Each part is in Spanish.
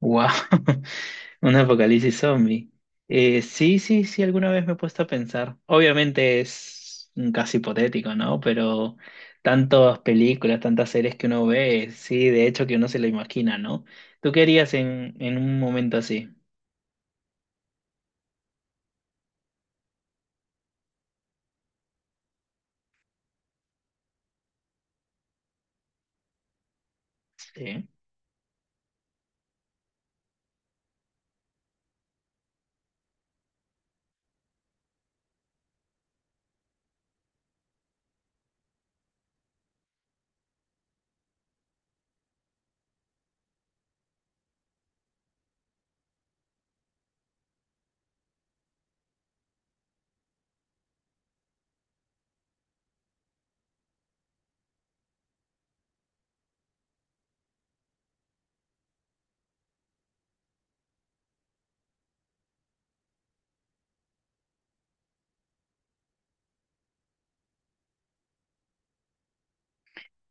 Wow, un apocalipsis zombie. Sí, sí, sí, alguna vez me he puesto a pensar. Obviamente es un caso hipotético, ¿no? Pero tantas películas, tantas series que uno ve, sí, de hecho que uno se lo imagina, ¿no? ¿Tú qué harías en un momento así? Sí.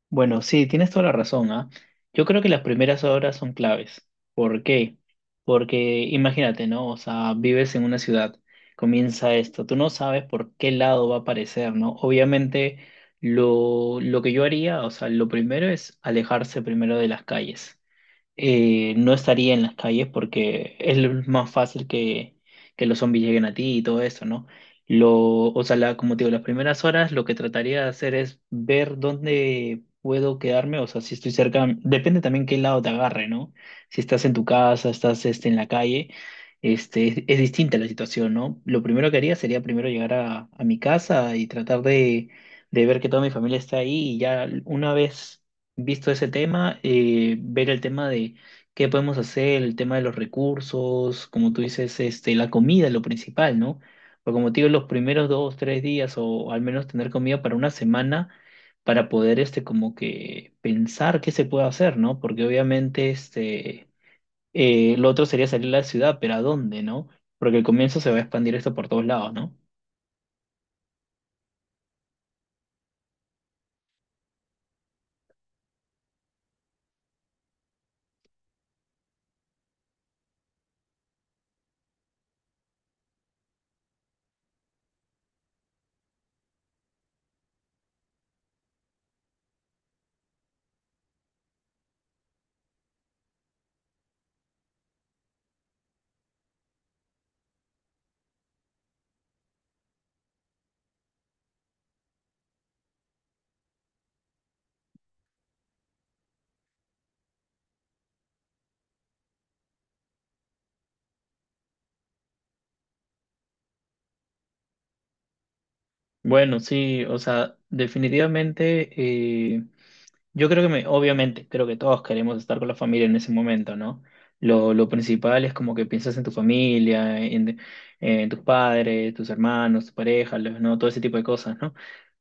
Bueno, sí, tienes toda la razón, ¿ah? Yo creo que las primeras horas son claves. ¿Por qué? Porque imagínate, ¿no? O sea, vives en una ciudad, comienza esto, tú no sabes por qué lado va a aparecer, ¿no? Obviamente, lo que yo haría, o sea, lo primero es alejarse primero de las calles. No estaría en las calles porque es lo más fácil que los zombies lleguen a ti y todo eso, ¿no? O sea, como te digo, las primeras horas lo que trataría de hacer es ver dónde puedo quedarme, o sea, si estoy cerca, depende también qué lado te agarre, ¿no? Si estás en tu casa, estás en la calle, es distinta la situación, ¿no? Lo primero que haría sería primero llegar a mi casa y tratar de ver que toda mi familia está ahí y ya una vez visto ese tema, ver el tema de qué podemos hacer, el tema de los recursos, como tú dices, la comida es lo principal, ¿no? Porque como te digo, los primeros dos, tres días o al menos tener comida para una semana para poder, como que pensar qué se puede hacer, ¿no? Porque obviamente, lo otro sería salir a la ciudad, pero ¿a dónde, no? Porque al comienzo se va a expandir esto por todos lados, ¿no? Bueno, sí, o sea, definitivamente... eh, Yo creo que, obviamente, creo que todos queremos estar con la familia en ese momento, ¿no? Lo principal es como que piensas en tu familia, en tus padres, tus hermanos, tu pareja, ¿no? Todo ese tipo de cosas, ¿no?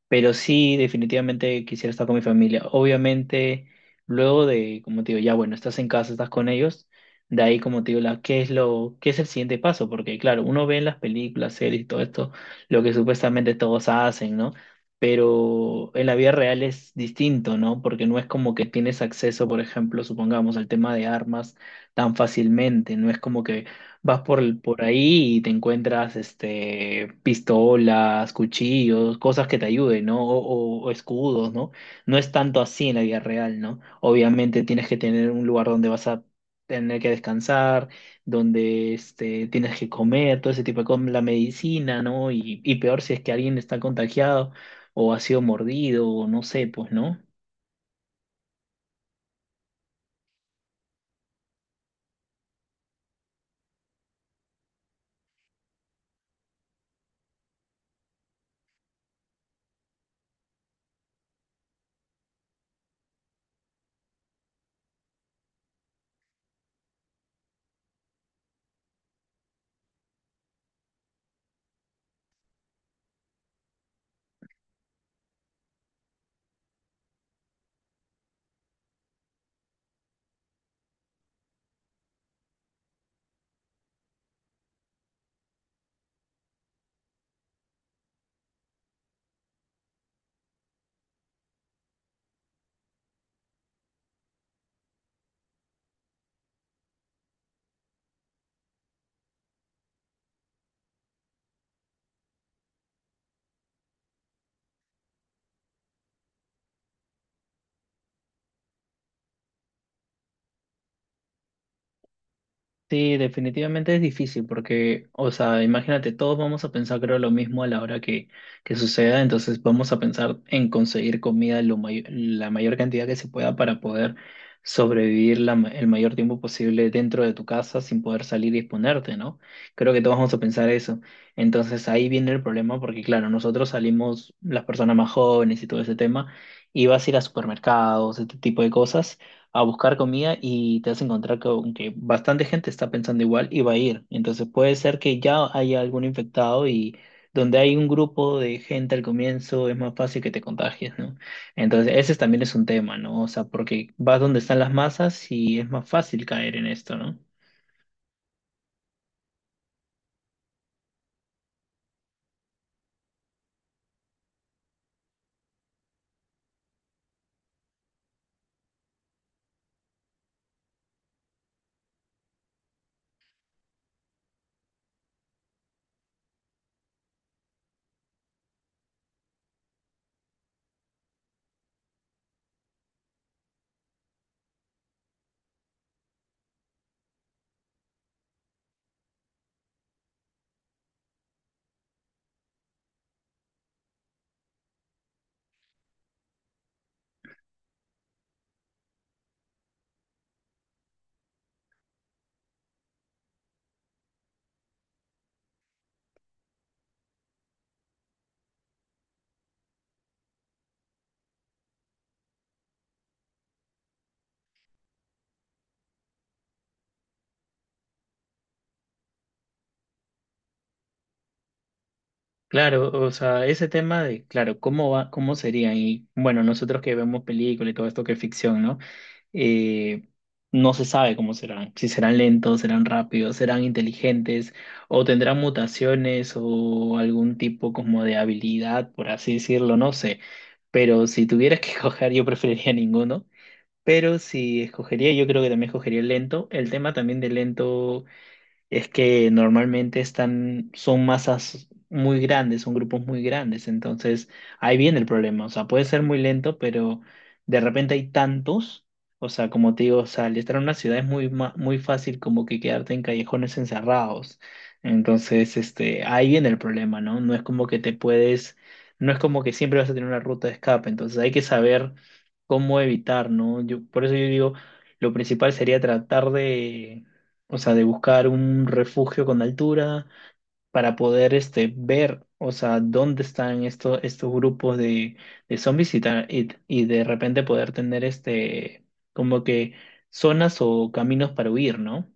Pero sí, definitivamente quisiera estar con mi familia. Obviamente, luego de, como te digo, ya bueno, estás en casa, estás con ellos, de ahí, como te digo, la, ¿qué es lo, qué es el siguiente paso? Porque claro, uno ve en las películas, series y todo esto, lo que supuestamente todos hacen, ¿no? Pero en la vida real es distinto, ¿no? Porque no es como que tienes acceso, por ejemplo, supongamos, al tema de armas tan fácilmente, no es como que vas por, por ahí y te encuentras pistolas, cuchillos, cosas que te ayuden, ¿no? O, o escudos, ¿no? No es tanto así en la vida real, ¿no? Obviamente tienes que tener un lugar donde vas a tener que descansar, donde tienes que comer, todo ese tipo de cosas, la medicina, ¿no? Y peor si es que alguien está contagiado o ha sido mordido o no sé, pues, ¿no? Sí, definitivamente es difícil porque, o sea, imagínate, todos vamos a pensar creo lo mismo a la hora que suceda, entonces vamos a pensar en conseguir comida la mayor cantidad que se pueda para poder sobrevivir el mayor tiempo posible dentro de tu casa sin poder salir y exponerte, ¿no? Creo que todos vamos a pensar eso. Entonces ahí viene el problema porque, claro, nosotros salimos, las personas más jóvenes y todo ese tema, y vas a ir a supermercados, este tipo de cosas a buscar comida y te vas a encontrar con que bastante gente está pensando igual y va a ir. Entonces puede ser que ya haya algún infectado y donde hay un grupo de gente al comienzo es más fácil que te contagies, ¿no? Entonces ese también es un tema, ¿no? O sea, porque vas donde están las masas y es más fácil caer en esto, ¿no? Claro, o sea, ese tema de, claro, cómo va, cómo sería y bueno, nosotros que vemos películas y todo esto que es ficción, ¿no? eh, no se sabe cómo serán, si serán lentos, serán rápidos, serán inteligentes o tendrán mutaciones o algún tipo como de habilidad, por así decirlo, no sé. Pero si tuvieras que escoger, yo preferiría ninguno. Pero si escogería, yo creo que también escogería el lento. El tema también de lento es que normalmente están, son masas muy grandes, son grupos muy grandes, entonces ahí viene el problema, o sea, puede ser muy lento, pero de repente hay tantos, o sea, como te digo, o sea, al estar en una ciudad es muy fácil como que quedarte en callejones encerrados, entonces, ahí viene el problema, ¿no? No es como que te puedes, no es como que siempre vas a tener una ruta de escape, entonces hay que saber cómo evitar, ¿no? Yo, por eso yo digo, lo principal sería tratar de, o sea, de buscar un refugio con altura para poder ver, o sea, dónde están estos grupos de zombies y de repente poder tener como que zonas o caminos para huir, ¿no?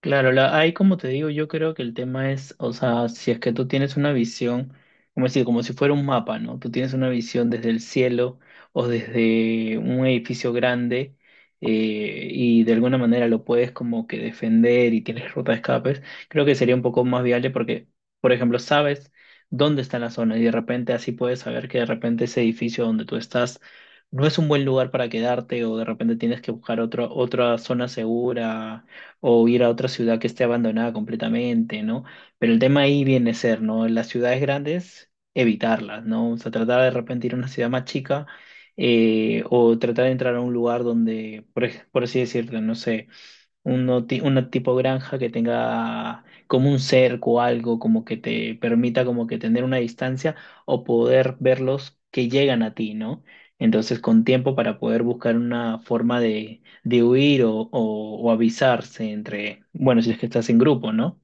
Claro, la, ahí como te digo, yo creo que el tema es, o sea, si es que tú tienes una visión, como decir, como si fuera un mapa, ¿no? Tú tienes una visión desde el cielo o desde un edificio grande, y de alguna manera lo puedes como que defender y tienes ruta de escapes, creo que sería un poco más viable porque, por ejemplo, sabes dónde está la zona y de repente así puedes saber que de repente ese edificio donde tú estás no es un buen lugar para quedarte o de repente tienes que buscar otro, otra zona segura o ir a otra ciudad que esté abandonada completamente, ¿no? Pero el tema ahí viene a ser, ¿no? En las ciudades grandes, evitarlas, ¿no? O sea, tratar de repente ir a una ciudad más chica, o tratar de entrar a un lugar donde, por así decirlo, no sé. Una tipo granja que tenga como un cerco o algo como que te permita como que tener una distancia o poder verlos que llegan a ti, ¿no? Entonces con tiempo para poder buscar una forma de huir o avisarse entre, bueno, si es que estás en grupo, ¿no?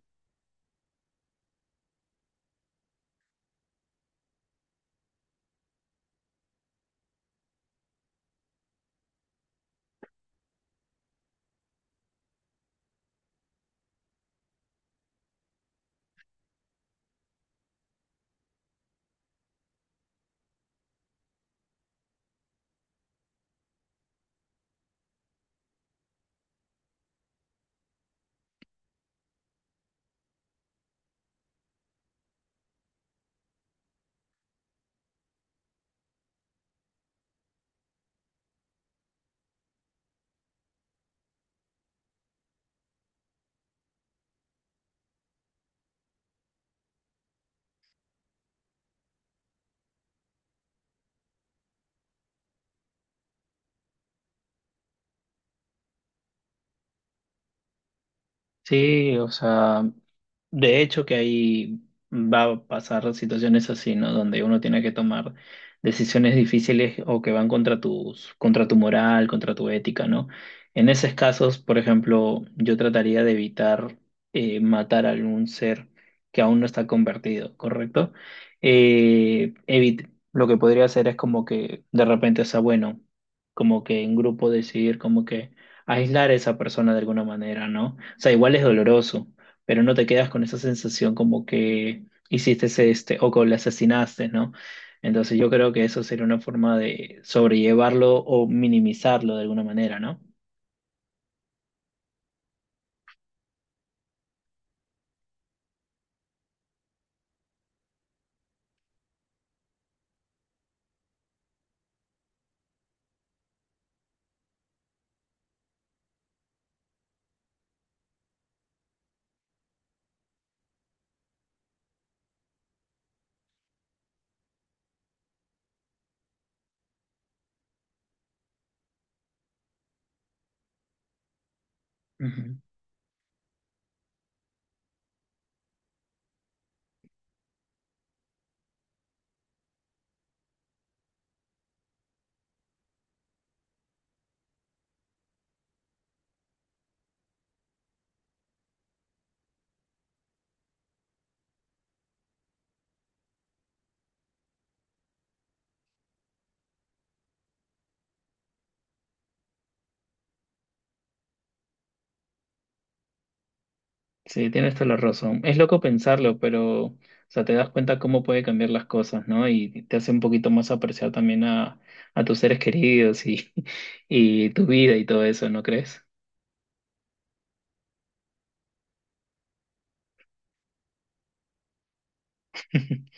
Sí, o sea. De hecho, que ahí va a pasar situaciones así, ¿no? Donde uno tiene que tomar decisiones difíciles o que van contra tus, contra tu moral, contra tu ética, ¿no? En esos casos, por ejemplo, yo trataría de evitar matar a algún ser que aún no está convertido, ¿correcto? Lo que podría hacer es como que de repente, o sea, bueno, como que en grupo decidir como que aislar a esa persona de alguna manera, ¿no? O sea, igual es doloroso, pero no te quedas con esa sensación como que hiciste este o que le asesinaste, ¿no? Entonces yo creo que eso sería una forma de sobrellevarlo o minimizarlo de alguna manera, ¿no? Ujú. Sí, tienes toda la razón. Es loco pensarlo, pero, o sea, te das cuenta cómo puede cambiar las cosas, ¿no? Y te hace un poquito más apreciar también a tus seres queridos y, y tu vida y todo eso, ¿no crees?